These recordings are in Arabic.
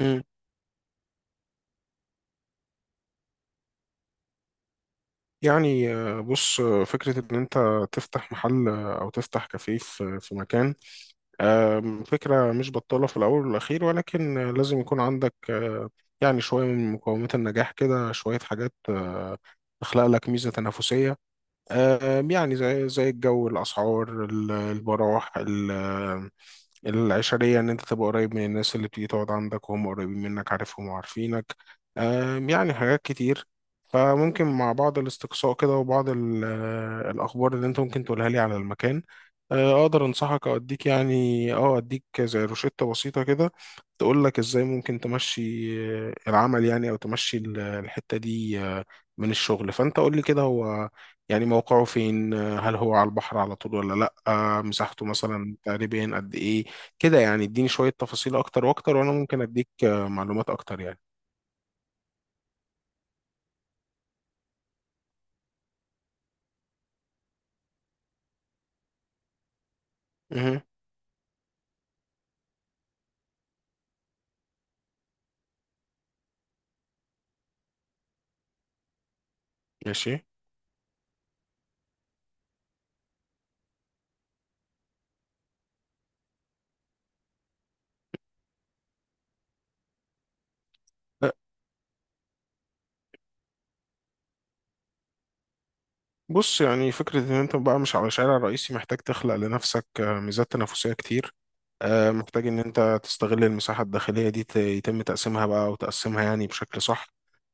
مم. بص، فكرة إن أنت تفتح محل أو تفتح كافيه في مكان. فكرة مش بطالة في الأول والأخير، ولكن لازم يكون عندك يعني شوية من مقومات النجاح كده، شوية حاجات تخلق لك ميزة تنافسية. يعني زي الجو، الأسعار، البراح، العشرية، إن أنت تبقى قريب من الناس اللي بتيجي تقعد عندك، وهم قريبين منك، عارفهم وعارفينك. يعني حاجات كتير. فممكن مع بعض الاستقصاء كده وبعض الأخبار اللي أنت ممكن تقولها لي على المكان، أقدر أنصحك أو أديك، يعني أديك زي روشتة بسيطة كده تقول لك إزاي ممكن تمشي العمل، يعني، أو تمشي الحتة دي من الشغل. فأنت قول لي كده، هو يعني موقعه فين؟ هل هو على البحر على طول ولا لا؟ مساحته مثلا تقريبا قد ايه كده؟ يعني اديني شوية تفاصيل اكتر واكتر، وانا ممكن اديك معلومات اكتر يعني. مهم. ماشي. لا، بص، يعني فكرة إن أنت بقى مش على شارع رئيسي، محتاج تخلق لنفسك ميزات تنافسية كتير. محتاج إن أنت تستغل المساحة الداخلية دي، يتم تقسيمها بقى، وتقسمها يعني بشكل صح.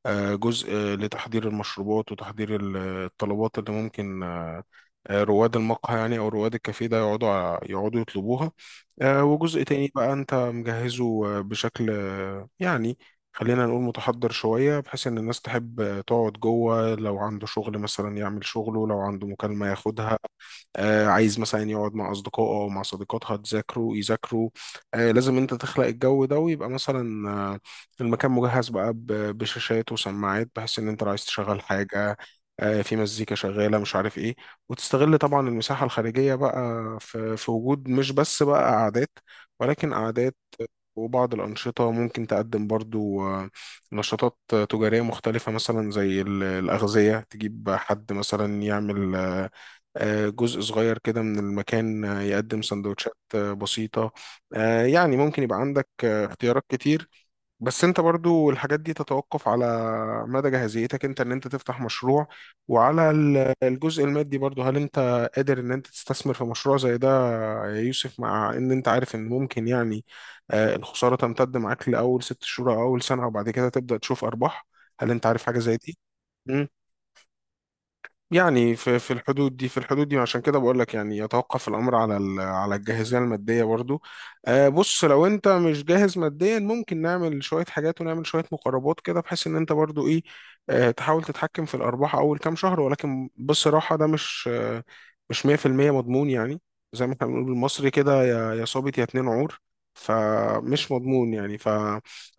جزء لتحضير المشروبات وتحضير الطلبات اللي ممكن، رواد المقهى يعني او رواد الكافيه ده يقعدوا يقعدوا يطلبوها. وجزء تاني بقى انت مجهزه بشكل يعني خلينا نقول متحضر شوية، بحيث ان الناس تحب تقعد جوه، لو عنده شغل مثلا يعمل شغله، لو عنده مكالمة ياخدها، عايز مثلا يقعد مع أصدقائه أو مع صديقاتها تذاكروا يذاكروا. لازم أنت تخلق الجو ده، ويبقى مثلا المكان مجهز بقى بشاشات وسماعات، بحيث إن أنت لو عايز تشغل حاجة في مزيكا شغالة مش عارف إيه. وتستغل طبعا المساحة الخارجية بقى، في وجود مش بس بقى قعدات، ولكن قعدات وبعض الأنشطة ممكن تقدم برضو نشاطات تجارية مختلفة، مثلا زي الأغذية، تجيب حد مثلا يعمل جزء صغير كده من المكان يقدم سندوتشات بسيطة. يعني ممكن يبقى عندك اختيارات كتير. بس انت برضو الحاجات دي تتوقف على مدى جاهزيتك انت ان انت تفتح مشروع، وعلى الجزء المادي برضو. هل انت قادر ان انت تستثمر في مشروع زي ده يا يوسف؟ مع ان انت عارف ان ممكن يعني الخسارة تمتد معاك لأول 6 شهور او اول سنة، وبعد كده تبدأ تشوف ارباح. هل انت عارف حاجة زي دي؟ يعني في الحدود دي، في الحدود دي، عشان كده بقول لك. يعني يتوقف الامر على على الجاهزيه الماديه برضو. بص، لو انت مش جاهز ماديا، ممكن نعمل شويه حاجات ونعمل شويه مقربات كده، بحيث ان انت برضو ايه تحاول تتحكم في الارباح اول كام شهر. ولكن بصراحه، ده مش 100% مضمون يعني، زي ما احنا بنقول بالمصري كده: يا صابت يا اتنين عور. فمش مضمون يعني. ف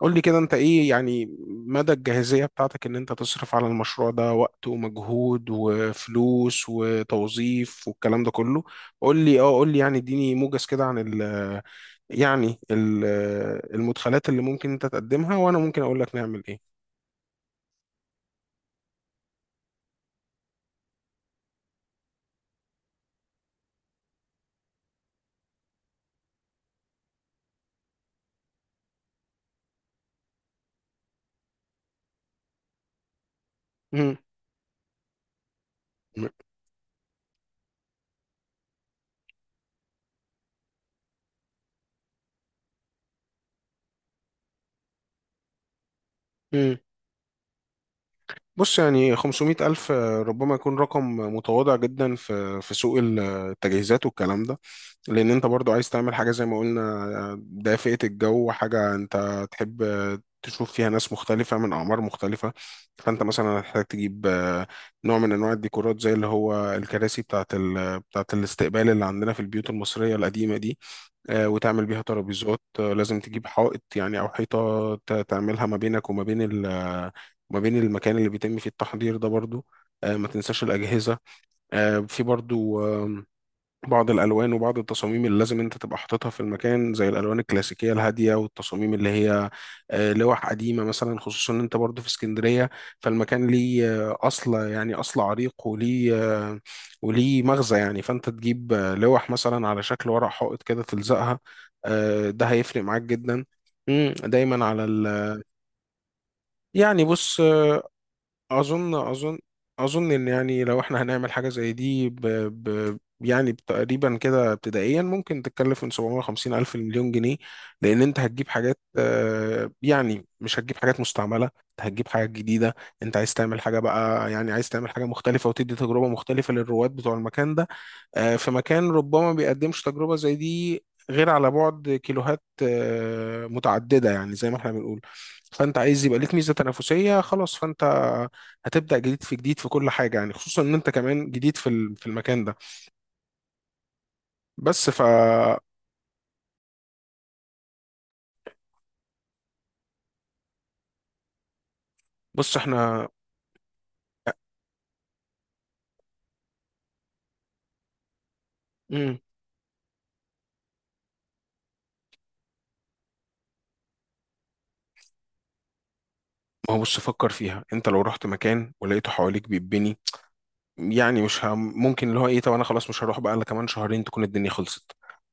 قول لي كده، انت ايه يعني مدى الجاهزية بتاعتك ان انت تصرف على المشروع ده وقت ومجهود وفلوس وتوظيف والكلام ده كله؟ قول لي، قول لي يعني، اديني موجز كده عن ال، يعني المدخلات اللي ممكن انت تقدمها، وانا ممكن اقول لك نعمل ايه. مم. مم. بص، يعني 500 ألف ربما يكون رقم متواضع جدا في سوق التجهيزات والكلام ده. لأن أنت برضو عايز تعمل حاجة، زي ما قلنا، دافئة الجو، حاجة أنت تحب تشوف فيها ناس مختلفة من أعمار مختلفة. فأنت مثلا هتحتاج تجيب نوع من أنواع الديكورات، زي اللي هو الكراسي بتاعة بتاعة الاستقبال اللي عندنا في البيوت المصرية القديمة دي. وتعمل بيها ترابيزات. لازم تجيب حائط يعني، او حيطه تعملها ما بينك وما بين ما بين المكان اللي بيتم فيه التحضير ده برضو. ما تنساش الاجهزه. في برضو بعض الالوان وبعض التصاميم اللي لازم انت تبقى حاططها في المكان، زي الالوان الكلاسيكيه الهاديه، والتصاميم اللي هي لوح قديمه مثلا. خصوصا ان انت برضو في اسكندريه، فالمكان ليه اصل، يعني اصل عريق، آه، وليه مغزى يعني. فانت تجيب لوح مثلا على شكل ورق حائط كده تلزقها. ده هيفرق معاك جدا. مم، دايما على ال، يعني، بص، اظن اظن اظن ان، يعني لو احنا هنعمل حاجه زي دي، يعني تقريبا كده ابتدائيا ممكن تتكلف من 750 الف لمليون جنيه. لان انت هتجيب حاجات يعني مش هتجيب حاجات مستعمله، انت هتجيب حاجات جديده. انت عايز تعمل حاجه بقى، يعني عايز تعمل حاجه مختلفه، وتدي تجربه مختلفه للرواد بتوع المكان ده. في مكان ربما بيقدمش تجربة زي دي غير على بعد كيلوهات متعددة، يعني زي ما احنا بنقول. فانت عايز يبقى ليك ميزة تنافسية خلاص. فانت هتبدأ جديد في جديد في كل حاجة، يعني خصوصا ان انت كمان جديد في في المكان ده. بس ف، بص احنا. مم. ما هو، بص فكر فيها انت. لو رحت مكان ولقيته حواليك بيتبني، يعني مش هم ممكن اللي هو ايه؟ طب انا خلاص مش هروح بقى الا كمان شهرين تكون الدنيا خلصت.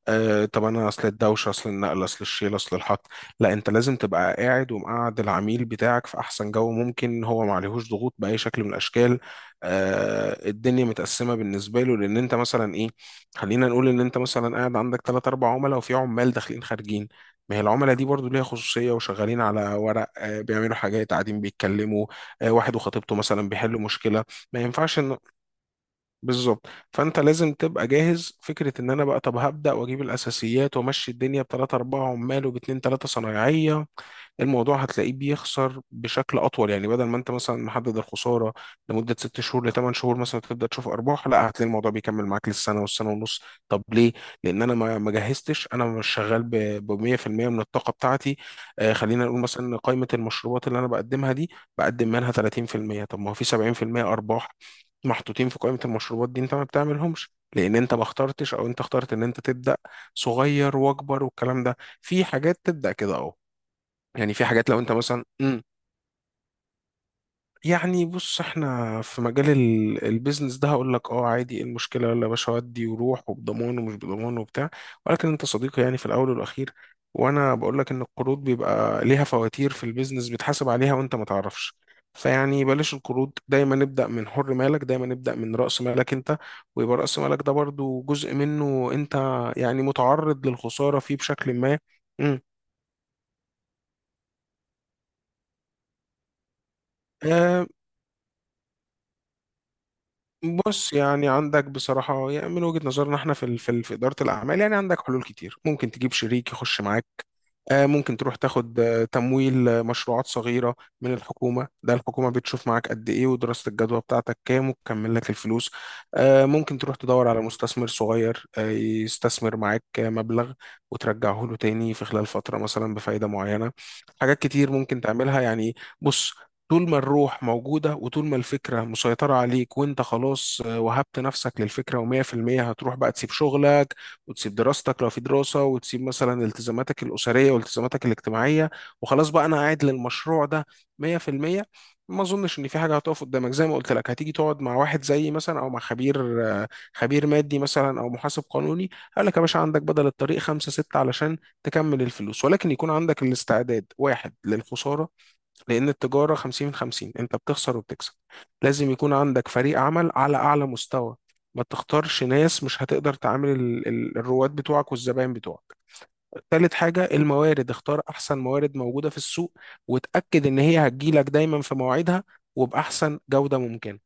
طب انا اصل الدوشه، اصل النقل، اصل الشيل، اصل الحط. لا، انت لازم تبقى قاعد، ومقعد العميل بتاعك في احسن جو ممكن، هو ما عليهوش ضغوط باي شكل من الاشكال. الدنيا متقسمه بالنسبه له، لان انت مثلا ايه، خلينا نقول ان انت مثلا قاعد عندك ثلاث اربع عملاء، وفي عمال داخلين خارجين. ما هي العملاء دي برضو ليها خصوصية، وشغالين على ورق بيعملوا حاجات، قاعدين بيتكلموا، واحد وخطيبته مثلا بيحلوا مشكلة. ما ينفعش بالظبط. فانت لازم تبقى جاهز. فكره ان انا بقى طب هبدا واجيب الاساسيات وامشي الدنيا بثلاثه اربعه عمال وباتنين ثلاثه صنايعيه، الموضوع هتلاقيه بيخسر بشكل اطول. يعني بدل ما انت مثلا محدد الخساره لمده 6 شهور لثمان شهور مثلا تبدا تشوف ارباح، لا، هتلاقي الموضوع بيكمل معاك للسنه والسنه ونص. طب ليه؟ لان انا ما جهزتش، انا مش شغال ب 100% من الطاقه بتاعتي. خلينا نقول مثلا إن قائمه المشروبات اللي انا بقدمها دي، بقدم منها 30%. طب ما هو في 70% ارباح محطوطين في قائمه المشروبات دي، انت ما بتعملهمش، لان انت ما اخترتش، او انت اخترت ان انت تبدا صغير واكبر والكلام ده. في حاجات تبدا كده اه. يعني في حاجات لو انت مثلا، يعني بص احنا في مجال البيزنس ده، هقول لك اه، عادي، ايه المشكله؟ يلا يا باشا ودي وروح، وبضمان ومش بضمان وبتاع. ولكن انت صديقي يعني في الاول والاخير، وانا بقول لك ان القروض بيبقى ليها فواتير في البيزنس بتحاسب عليها وانت ما تعرفش. فيعني بلاش القروض، دايما نبدا من حر مالك، دايما نبدا من راس مالك انت. ويبقى راس مالك ده برضو جزء منه انت يعني متعرض للخساره فيه بشكل ما. امم بص، يعني عندك بصراحة، يعني من وجهة نظرنا احنا في في إدارة الأعمال، يعني عندك حلول كتير. ممكن تجيب شريك يخش معاك، ممكن تروح تاخد تمويل مشروعات صغيرة من الحكومة، ده الحكومة بتشوف معاك قد إيه، ودراسة الجدوى بتاعتك كام، وتكمل لك الفلوس. ممكن تروح تدور على مستثمر صغير يستثمر معاك مبلغ، وترجعه له تاني في خلال فترة مثلا بفايدة معينة. حاجات كتير ممكن تعملها يعني. بص، طول ما الروح موجودة، وطول ما الفكرة مسيطرة عليك، وانت خلاص وهبت نفسك للفكرة ومية في المية، هتروح بقى تسيب شغلك، وتسيب دراستك لو في دراسة، وتسيب مثلا التزاماتك الأسرية والتزاماتك الاجتماعية، وخلاص بقى أنا قاعد للمشروع ده 100%، ما اظنش ان في حاجه هتقف قدامك. زي ما قلت لك، هتيجي تقعد مع واحد زيي مثلا او مع خبير خبير مادي مثلا او محاسب قانوني، قال لك يا باشا عندك بدل الطريق خمسة ستة علشان تكمل الفلوس. ولكن يكون عندك الاستعداد، واحد، للخسارة، لأن التجارة 50-50، أنت بتخسر وبتكسب. لازم يكون عندك فريق عمل على أعلى مستوى، ما تختارش ناس مش هتقدر تعامل الرواد بتوعك والزبائن بتوعك. تالت حاجة الموارد، اختار أحسن موارد موجودة في السوق، وتأكد إن هي هتجيلك دايما في مواعيدها وبأحسن جودة ممكنة.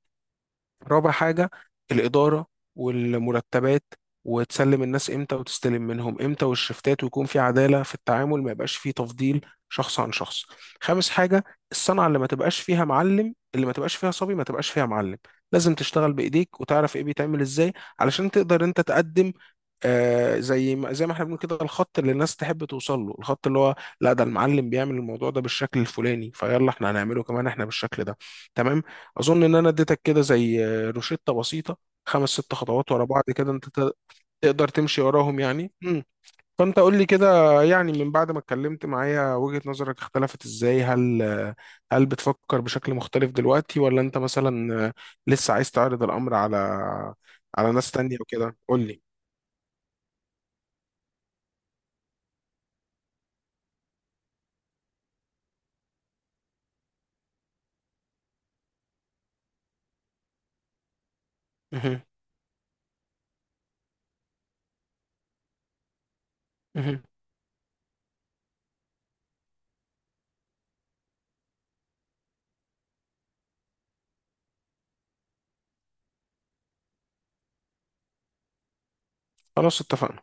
رابع حاجة، الإدارة والمرتبات، وتسلم الناس امتى وتستلم منهم امتى، والشفتات، ويكون في عدالة في التعامل، ما يبقاش فيه تفضيل شخص عن شخص. خامس حاجة، الصنعة، اللي ما تبقاش فيها معلم، اللي ما تبقاش فيها صبي، ما تبقاش فيها معلم. لازم تشتغل بإيديك وتعرف ايه بيتعمل ازاي علشان تقدر انت تقدم، زي ما احنا بنقول كده، الخط اللي الناس تحب توصل له، الخط اللي هو، لا، ده المعلم بيعمل الموضوع ده بالشكل الفلاني، فيلا احنا هنعمله كمان احنا بالشكل ده. تمام. اظن ان انا اديتك كده زي روشتة بسيطة، خمس ست خطوات ورا بعض كده، انت تقدر تمشي وراهم يعني. مم. فانت قول لي كده، يعني من بعد ما اتكلمت معايا وجهة نظرك اختلفت ازاي؟ هل بتفكر بشكل مختلف دلوقتي، ولا انت مثلا لسه عايز تعرض الامر على ناس تانية وكده؟ قول لي. مهم. مهم. خلاص، اتفقنا.